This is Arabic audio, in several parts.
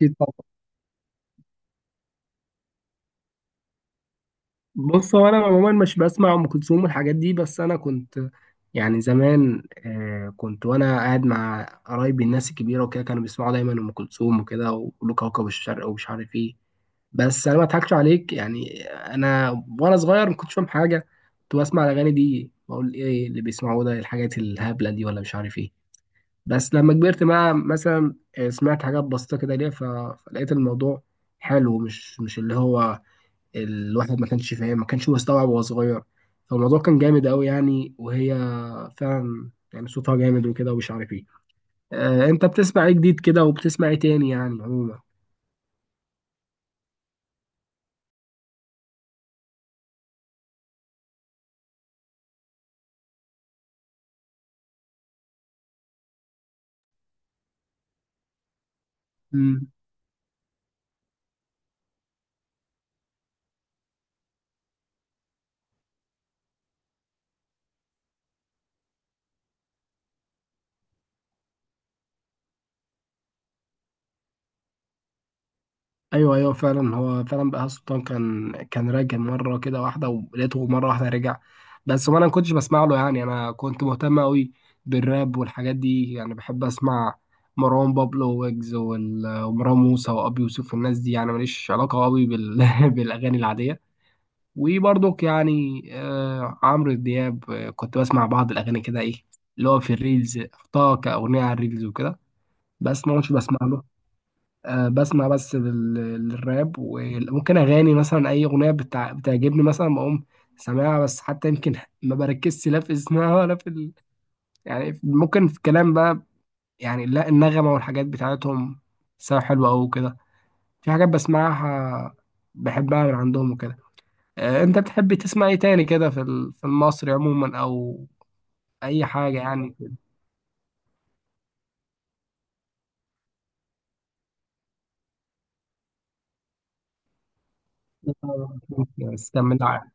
أكيد طبعا. بص، هو أنا عموما مش بسمع أم كلثوم والحاجات دي، بس أنا كنت يعني زمان كنت وأنا قاعد مع قرايبي الناس الكبيرة وكده، كانوا بيسمعوا دايما أم كلثوم وكده، ويقولوا كوكب الشرق ومش عارف إيه. بس أنا ما أضحكش عليك، يعني أنا وأنا صغير ما كنتش فاهم حاجة، كنت بسمع الأغاني دي بقول إيه اللي بيسمعوه ده، الحاجات الهبلة دي ولا مش عارف إيه. بس لما كبرت بقى مثلا سمعت حاجات بسيطة كده ليها، فلقيت الموضوع حلو، مش اللي هو الواحد ما كانش فاهم، ما كانش مستوعب وهو صغير. فالموضوع كان جامد قوي يعني، وهي فعلا يعني صوتها جامد وكده ومش عارف ايه. انت بتسمع ايه جديد كده، وبتسمع ايه تاني يعني عموما؟ مم. ايوه ايوه فعلا، هو فعلا بقى سلطان كان راجع مره كده واحده، ولقيته مره واحده رجع بس. وانا ما كنتش بسمع له، يعني انا كنت مهتم قوي بالراب والحاجات دي، يعني بحب اسمع مروان بابلو ويجز ومروان موسى وابي يوسف والناس دي، يعني ماليش علاقه قوي بالاغاني العاديه. وبرضك يعني عمرو دياب، كنت بسمع بعض الأغاني كده، إيه اللي هو في الريلز حطها كأغنية على الريلز وكده. بس ما كنتش بسمع له، بسمع بس للراب، وممكن أغاني مثلا، أي أغنية بتعجبني مثلا بقوم سامعها، بس حتى يمكن ما بركزش لا في اسمها ولا يعني ممكن في الكلام بقى، يعني لا النغمة والحاجات بتاعتهم سواء حلوة أو كده، في حاجات بسمعها بحبها من عندهم وكده. انت بتحب تسمع ايه تاني كده في في المصري عموما او اي حاجه يعني؟ بس كمل عادي.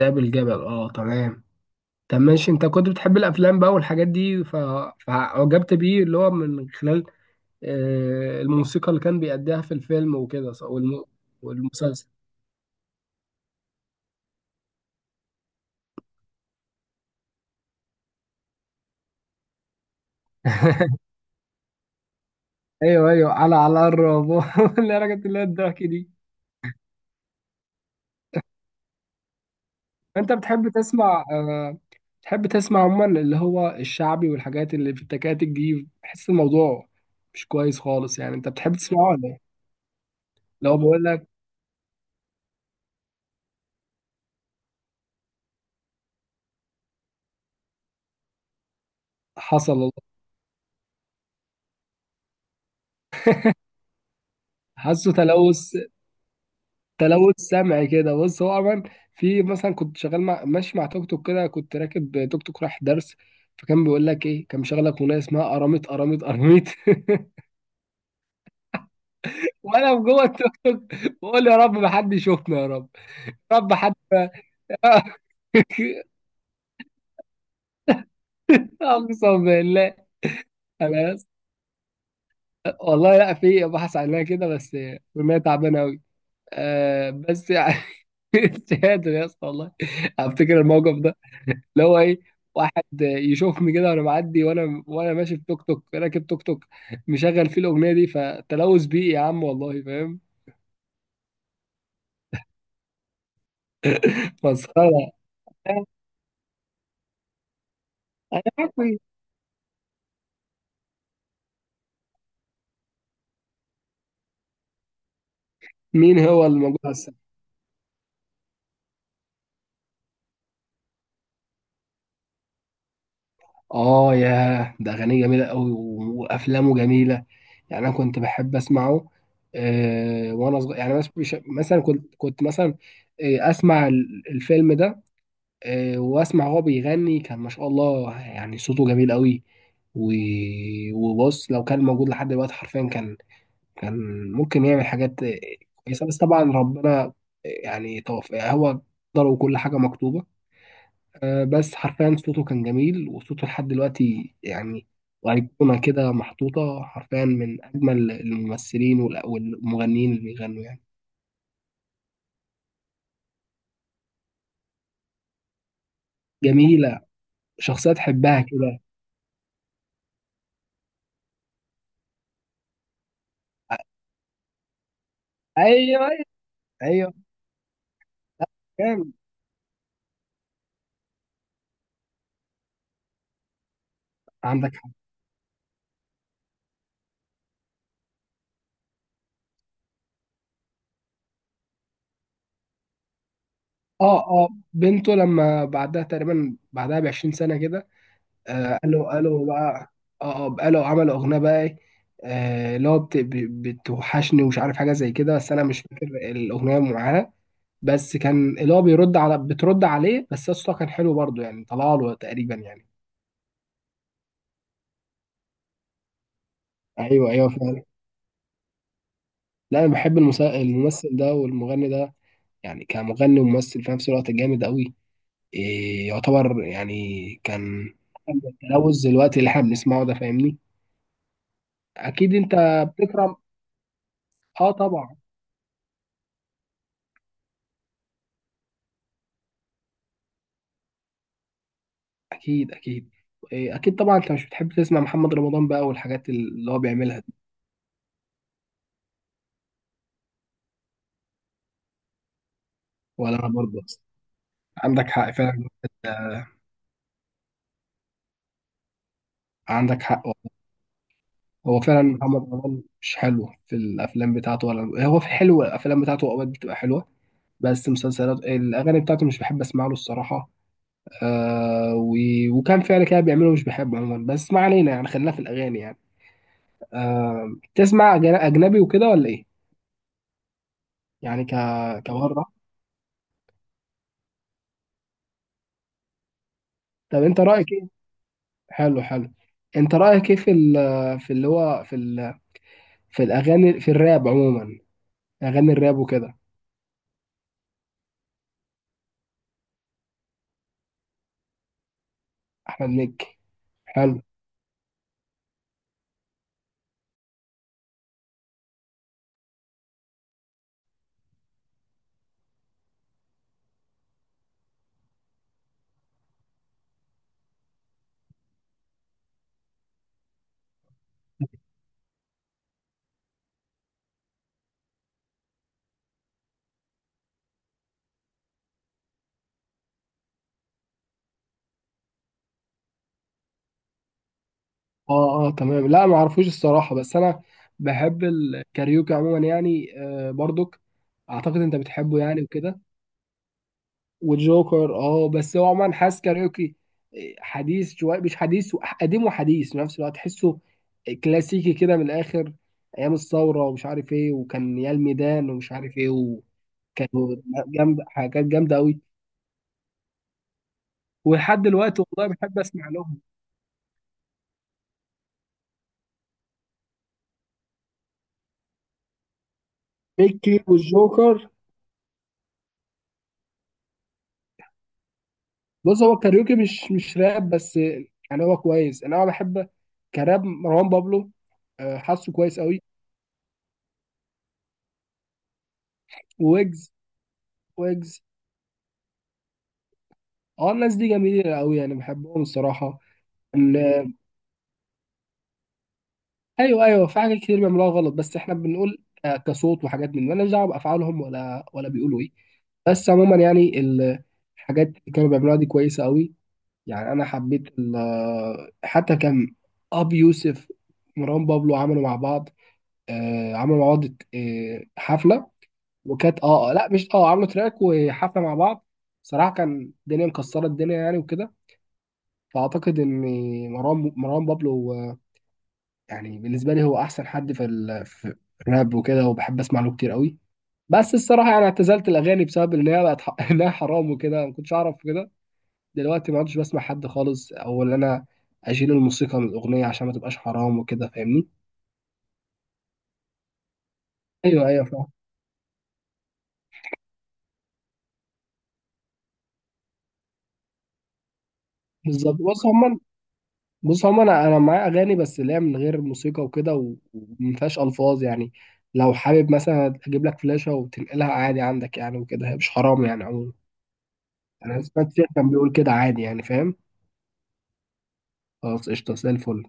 ذئاب الجبل، اه تمام. طب ماشي، انت كنت بتحب الافلام بقى والحاجات دي فعجبت بيه، اللي هو من خلال الموسيقى اللي كان بيأديها في الفيلم وكده صح؟ والمسلسل. ايوه ايوه، على الربو اللي رجعت اللي هي الضحك دي. انت بتحب تسمع آه، بتحب تسمع عموما اللي هو الشعبي والحاجات اللي في التكاتك دي، بحس الموضوع مش كويس خالص يعني، انت بتحب تسمعه ولا ايه؟ لو بقول لك. حصل والله، حاسه تلوث سمعي كده. بص هو عموما، في مثلا، كنت شغال مع، ماشي مع توك توك كده، كنت راكب توك توك رايح درس، فكان بيقول لك ايه، كان مشغل لك اغنيه اسمها قراميط قراميط قراميط وانا في جوه التوك توك بقول يا رب ما حد يشوفنا، يا رب يا رب حد اقسم بالله، انا يس- والله لا في بحث عنها كده، بس بما تعبانه قوي. بس يعني مش قادر يا اسطى والله، افتكر الموقف ده، اللي هو ايه، واحد يشوفني كده وانا معدي، وانا ماشي في توك توك راكب توك توك مشغل فيه الاغنيه دي، فتلوث بيئي يا عم، والله فاهم. مسخره. انا عارف. مين هو الموجود؟ اه ياه، ده اغانيه جميله قوي وافلامه جميله، يعني انا كنت بحب اسمعه وانا صغير يعني، مثلا كنت مثلا اسمع الفيلم ده، واسمع هو بيغني، كان ما شاء الله يعني صوته جميل قوي. وبص، لو كان موجود لحد دلوقتي حرفيا، كان ممكن يعمل حاجات كويسه، بس طبعا ربنا يعني توفى هو، قدره وكل حاجه مكتوبه. بس حرفيا صوته كان جميل، وصوته لحد دلوقتي يعني وأيقونة كده محطوطة حرفيا، من أجمل الممثلين والمغنيين اللي بيغنوا يعني. جميلة، شخصية تحبها كده. أيوه أيوه أيوه، كان عندك حق. أه أه، بنته لما بعدها تقريبا، بعدها ب20 سنة كده. قالوا بقى، أه أه قالوا عملوا أغنية بقى إيه، اللي هو بتوحشني ومش عارف حاجة زي كده، بس أنا مش فاكر الأغنية معاها. بس كان اللي هو بيرد على بترد عليه، بس يا اسطى كان حلو برضه يعني، طلع له تقريبا يعني. ايوه ايوه فعلا. لا انا بحب الممثل ده والمغني ده، يعني كمغني وممثل في نفس الوقت جامد قوي، إيه يعتبر يعني، كان تلوث دلوقتي اللي احنا بنسمعه ده، فاهمني؟ اكيد انت بتكرم. اه طبعا. اكيد اكيد. إيه اكيد طبعا، انت مش بتحب تسمع محمد رمضان بقى والحاجات اللي هو بيعملها دي؟ ولا انا برضه، عندك حق فعلا. عندك حق، هو فعلا محمد رمضان مش حلو في الافلام بتاعته، ولا هو في حلو، الافلام بتاعته اوقات بتبقى حلوه، بس مسلسلات الاغاني بتاعته مش بحب اسمع له الصراحه. آه و... وكان فعلا كده بيعمله، مش بحبه عموما، بس ما علينا يعني، خلينا في الاغاني يعني. تسمع اجنبي وكده ولا ايه، يعني كبره؟ طب انت رايك ايه، حلو حلو، انت رايك ايه في اللي هو في الاغاني، في الراب عموما، اغاني الراب وكده؟ احمد مكي، حلو، اه اه تمام، لا ما اعرفوش الصراحه، بس انا بحب الكاريوكي عموما يعني، برضك اعتقد انت بتحبه يعني وكده. وجوكر، اه، بس هو عموما حاسس كاريوكي حديث شويه، مش حديث، قديم وحديث في نفس الوقت، تحسه كلاسيكي كده من الاخر، ايام الثوره ومش عارف ايه، وكان يا الميدان ومش عارف ايه. حاجات جامده قوي. ولحد دلوقتي والله بحب اسمع لهم، ميكي والجوكر. بص، هو الكاريوكي مش راب بس، يعني هو كويس، انا بحب كراب مروان بابلو، حاسه كويس قوي. ويجز. ويجز اه، الناس دي جميله قوي يعني، بحبهم الصراحه. ال- ايوه ايوه، في حاجات كتير بيعملوها غلط، بس احنا بنقول كصوت وحاجات، من مالناش دعوه بافعالهم ولا بيقولوا ايه، بس عموما يعني الحاجات اللي كانوا بيعملوها دي كويسه قوي، يعني انا حبيت حتى كان ابي يوسف مروان بابلو عملوا مع بعض، آه، عملوا مع بعض حفله، وكانت اه آه، لا مش عملوا تراك وحفله مع بعض. صراحه كان الدنيا مكسره الدنيا يعني وكده. فاعتقد ان مروان بابلو يعني بالنسبه لي هو احسن حد في الراب وكده، وبحب اسمع له كتير قوي. بس الصراحه يعني اعتزلت الاغاني بسبب ان هي بقت انها حرام وكده، ما كنتش اعرف كده. دلوقتي ما عدتش بسمع حد خالص، او ان انا اشيل الموسيقى من الاغنيه عشان ما تبقاش حرام وكده، فاهمني؟ ايوه ايوه فاهم. بالظبط. بص هو انا معايا اغاني، بس اللي هي من غير موسيقى وكده، وما فيهاش الفاظ يعني، لو حابب مثلا اجيب لك فلاشه وتنقلها عادي عندك يعني وكده، هي مش حرام يعني عموما، انا سمعت شيخ كان بيقول كده عادي يعني فاهم. خلاص قشطه زي الفل.